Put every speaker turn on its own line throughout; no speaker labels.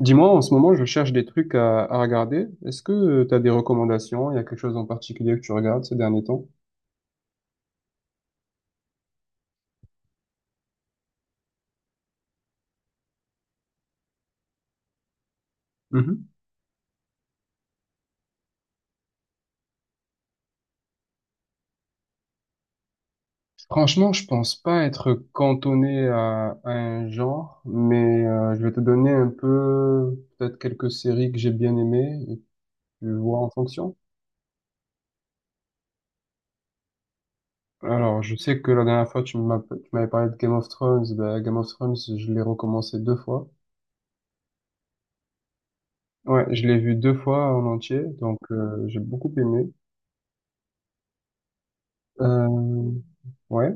Dis-moi, en ce moment, je cherche des trucs à regarder. Est-ce que tu as des recommandations? Il y a quelque chose en particulier que tu regardes ces derniers temps? Mhm. Franchement, je pense pas être cantonné à un genre, mais je vais te donner un peu, peut-être quelques séries que j'ai bien aimées, et tu vois en fonction. Alors, je sais que la dernière fois, tu m'avais parlé de Game of Thrones. Bah, Game of Thrones, je l'ai recommencé deux fois. Ouais, je l'ai vu deux fois en entier, donc j'ai beaucoup aimé. Euh, ouais,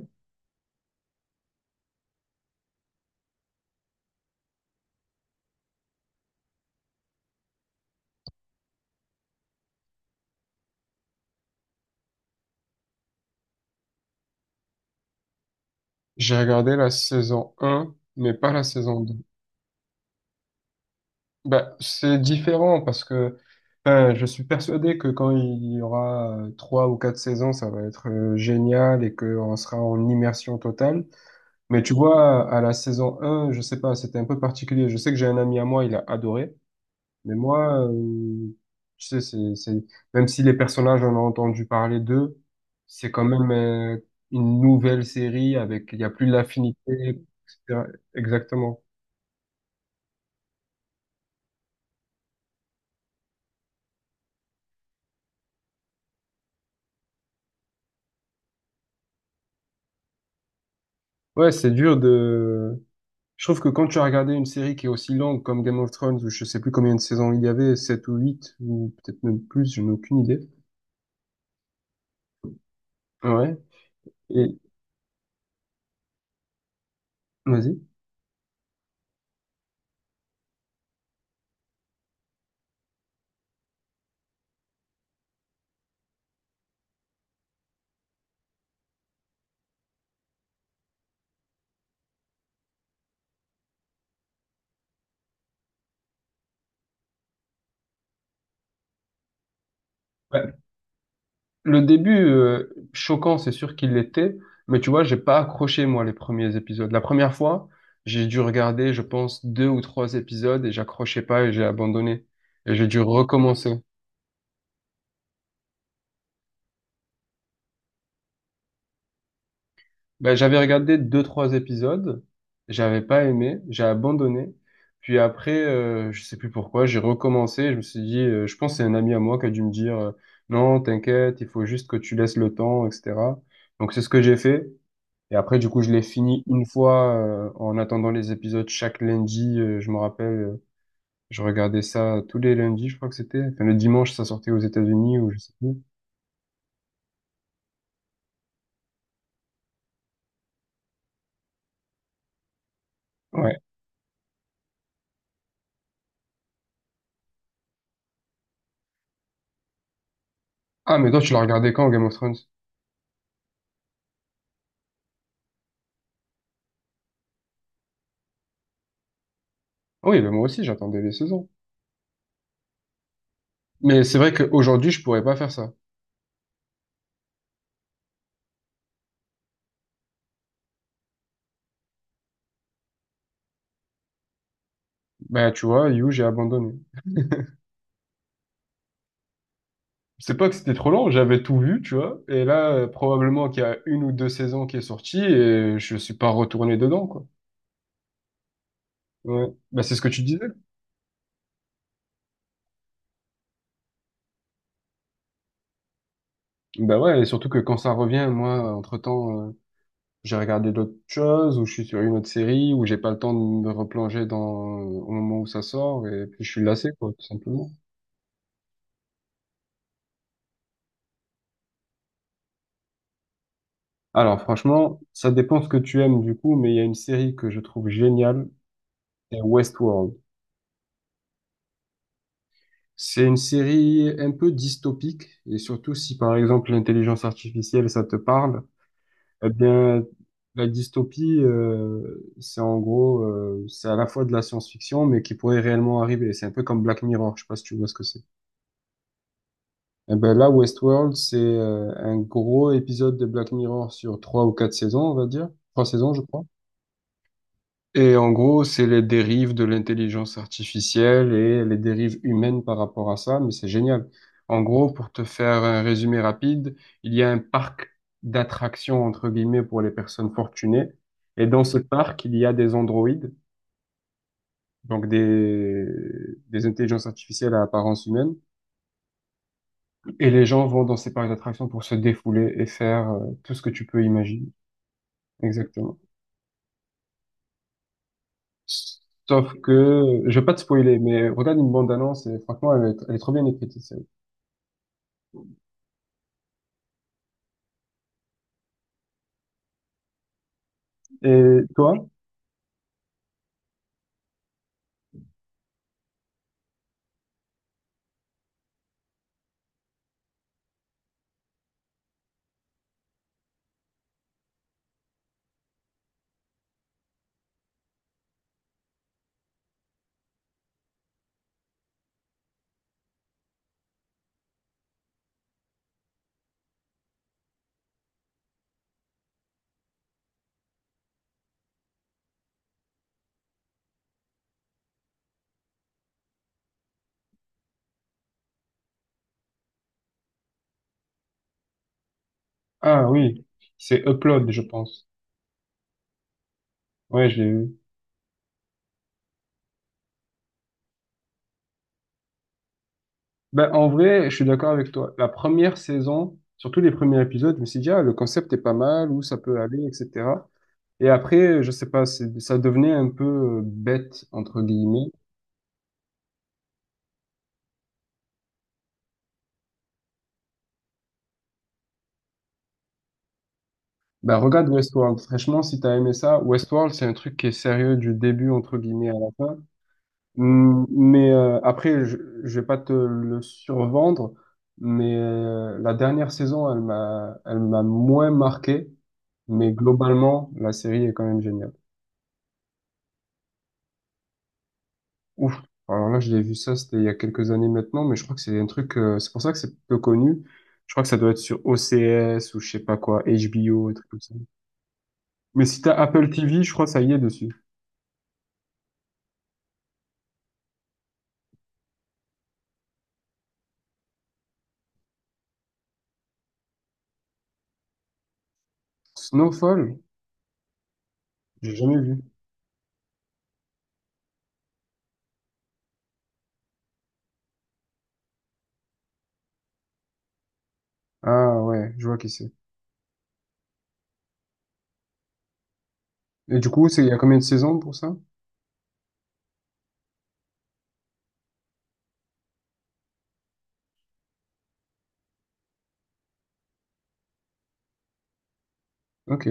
j'ai regardé la saison un, mais pas la saison 2. Bah, c'est différent parce que enfin, je suis persuadé que quand il y aura trois ou quatre saisons, ça va être génial et qu'on sera en immersion totale. Mais tu vois, à la saison un, je sais pas, c'était un peu particulier. Je sais que j'ai un ami à moi, il a adoré. Mais moi, tu sais, même si les personnages, on a entendu parler d'eux, c'est quand même une nouvelle série avec, il y a plus l'affinité, etc. Exactement. Ouais, c'est dur de... Je trouve que quand tu as regardé une série qui est aussi longue comme Game of Thrones, où je sais plus combien de saisons il y avait, 7 ou 8 ou peut-être même plus, je n'ai aucune idée. Ouais. Et vas-y. Ouais. Le début, choquant, c'est sûr qu'il l'était, mais tu vois, j'ai pas accroché, moi, les premiers épisodes. La première fois, j'ai dû regarder, je pense, deux ou trois épisodes et j'accrochais pas et j'ai abandonné. Et j'ai dû recommencer. Ben, j'avais regardé deux, trois épisodes, j'avais pas aimé, j'ai abandonné. Puis après, je sais plus pourquoi, j'ai recommencé. Je me suis dit, je pense que c'est un ami à moi qui a dû me dire, non, t'inquiète, il faut juste que tu laisses le temps, etc. Donc c'est ce que j'ai fait. Et après, du coup, je l'ai fini une fois en attendant les épisodes chaque lundi. Je me rappelle, je regardais ça tous les lundis, je crois que c'était. Enfin, le dimanche, ça sortait aux États-Unis ou je sais plus. Ouais. Ah, mais toi, tu l'as regardé quand, Game of Thrones? Ah oui, ben moi aussi, j'attendais les saisons. Mais c'est vrai qu'aujourd'hui, je pourrais pas faire ça. Bah, tu vois, You, j'ai abandonné. C'est pas que c'était trop long, j'avais tout vu, tu vois. Et là, probablement qu'il y a une ou deux saisons qui est sortie et je suis pas retourné dedans, quoi. Ouais. Bah, c'est ce que tu disais. Bah ouais, et surtout que quand ça revient, moi, entre-temps, j'ai regardé d'autres choses ou je suis sur une autre série ou j'ai pas le temps de me replonger dans, au moment où ça sort et puis je suis lassé, quoi, tout simplement. Alors, franchement, ça dépend ce que tu aimes, du coup, mais il y a une série que je trouve géniale, c'est Westworld. C'est une série un peu dystopique, et surtout si par exemple l'intelligence artificielle ça te parle, eh bien la dystopie, c'est en gros, c'est à la fois de la science-fiction, mais qui pourrait réellement arriver. C'est un peu comme Black Mirror, je sais pas si tu vois ce que c'est. Eh ben là, Westworld, c'est un gros épisode de Black Mirror sur trois ou quatre saisons, on va dire. Trois saisons, je crois. Et en gros, c'est les dérives de l'intelligence artificielle et les dérives humaines par rapport à ça, mais c'est génial. En gros, pour te faire un résumé rapide, il y a un parc d'attractions, entre guillemets, pour les personnes fortunées. Et dans ce parc, il y a des androïdes, donc des intelligences artificielles à apparence humaine. Et les gens vont dans ces parcs d'attractions pour se défouler et faire tout ce que tu peux imaginer. Exactement. Sauf que, je vais pas te spoiler, mais regarde une bande-annonce et franchement, elle est trop bien écrite, cette série. Et toi? Ah oui, c'est Upload, je pense. Ouais, je l'ai vu. Ben, en vrai, je suis d'accord avec toi. La première saison, surtout les premiers épisodes, je me suis dit, ah, le concept est pas mal, où ça peut aller, etc. Et après, je sais pas, ça devenait un peu bête, entre guillemets. Ben, regarde Westworld. Franchement, si t'as aimé ça, Westworld, c'est un truc qui est sérieux du début, entre guillemets, à la fin. Mais après, je vais pas te le survendre, mais la dernière saison, elle m'a moins marqué, mais globalement, la série est quand même géniale. Ouf. Alors là, je l'ai vu ça, c'était il y a quelques années maintenant, mais je crois que c'est un truc, c'est pour ça que c'est peu connu. Je crois que ça doit être sur OCS ou je sais pas quoi, HBO, un truc comme ça. Mais si t'as Apple TV, je crois que ça y est dessus. Snowfall, j'ai jamais vu. Ah ouais, je vois qui c'est. Et du coup, c'est il y a combien de saisons pour ça? Ok.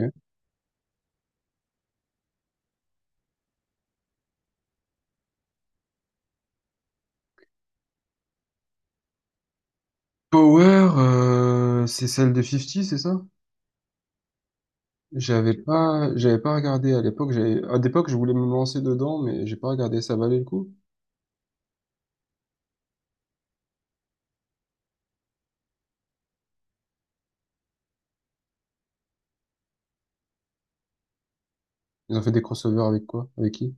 Power, c'est celle de 50, c'est ça? J'avais pas regardé à l'époque. J'avais, à l'époque, je voulais me lancer dedans, mais j'ai pas regardé. Ça valait le coup? Ils ont fait des crossovers avec quoi? Avec qui?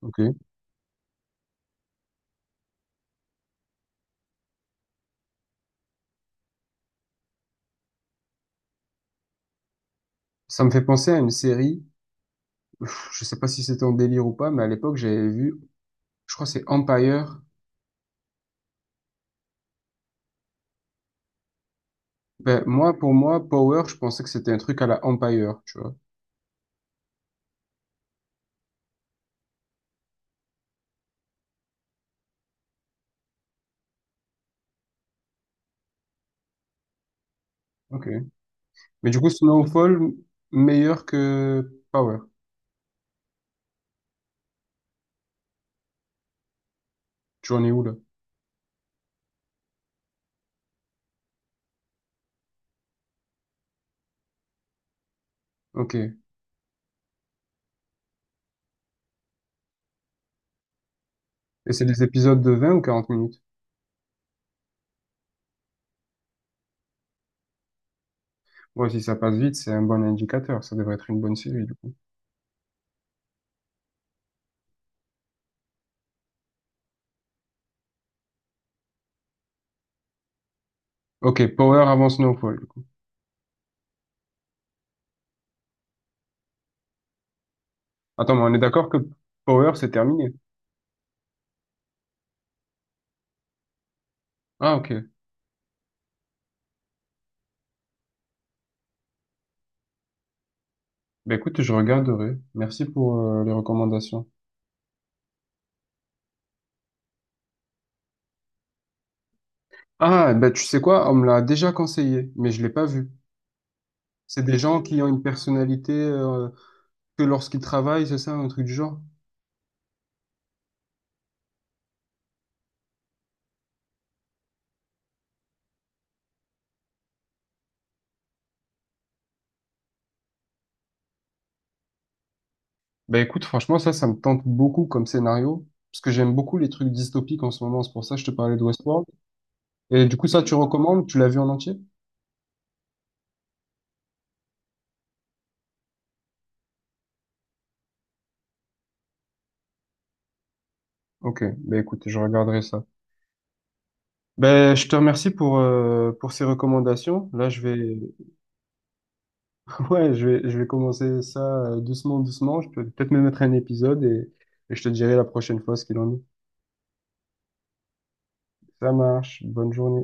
Ok. Ça me fait penser à une série. Je sais pas si c'était en délire ou pas, mais à l'époque, j'avais vu. Je crois que c'est Empire. Ben, moi, pour moi, Power, je pensais que c'était un truc à la Empire, tu vois. Ok. Mais du coup, Snowfall, meilleur que Power. Tu en es où là? Ok. Et c'est des épisodes de 20 ou 40 minutes? Ouais, si ça passe vite, c'est un bon indicateur. Ça devrait être une bonne série, du coup. Ok, Power avant Snowfall, du coup. Attends, mais on est d'accord que Power, c'est terminé. Ah, ok. Ben écoute, je regarderai. Merci pour les recommandations. Ah, ben tu sais quoi? On me l'a déjà conseillé, mais je l'ai pas vu. C'est des gens qui ont une personnalité que lorsqu'ils travaillent, c'est ça, un truc du genre? Bah écoute, franchement, ça me tente beaucoup comme scénario, parce que j'aime beaucoup les trucs dystopiques en ce moment, c'est pour ça que je te parlais de Westworld. Et du coup, ça, tu recommandes? Tu l'as vu en entier? Ok, bah écoute, je regarderai ça. Ben, je te remercie pour ces recommandations. Là, je vais, ouais, je vais commencer ça doucement, doucement. Je peux peut-être me mettre un épisode et je te dirai la prochaine fois ce qu'il en est. Ça marche, bonne journée.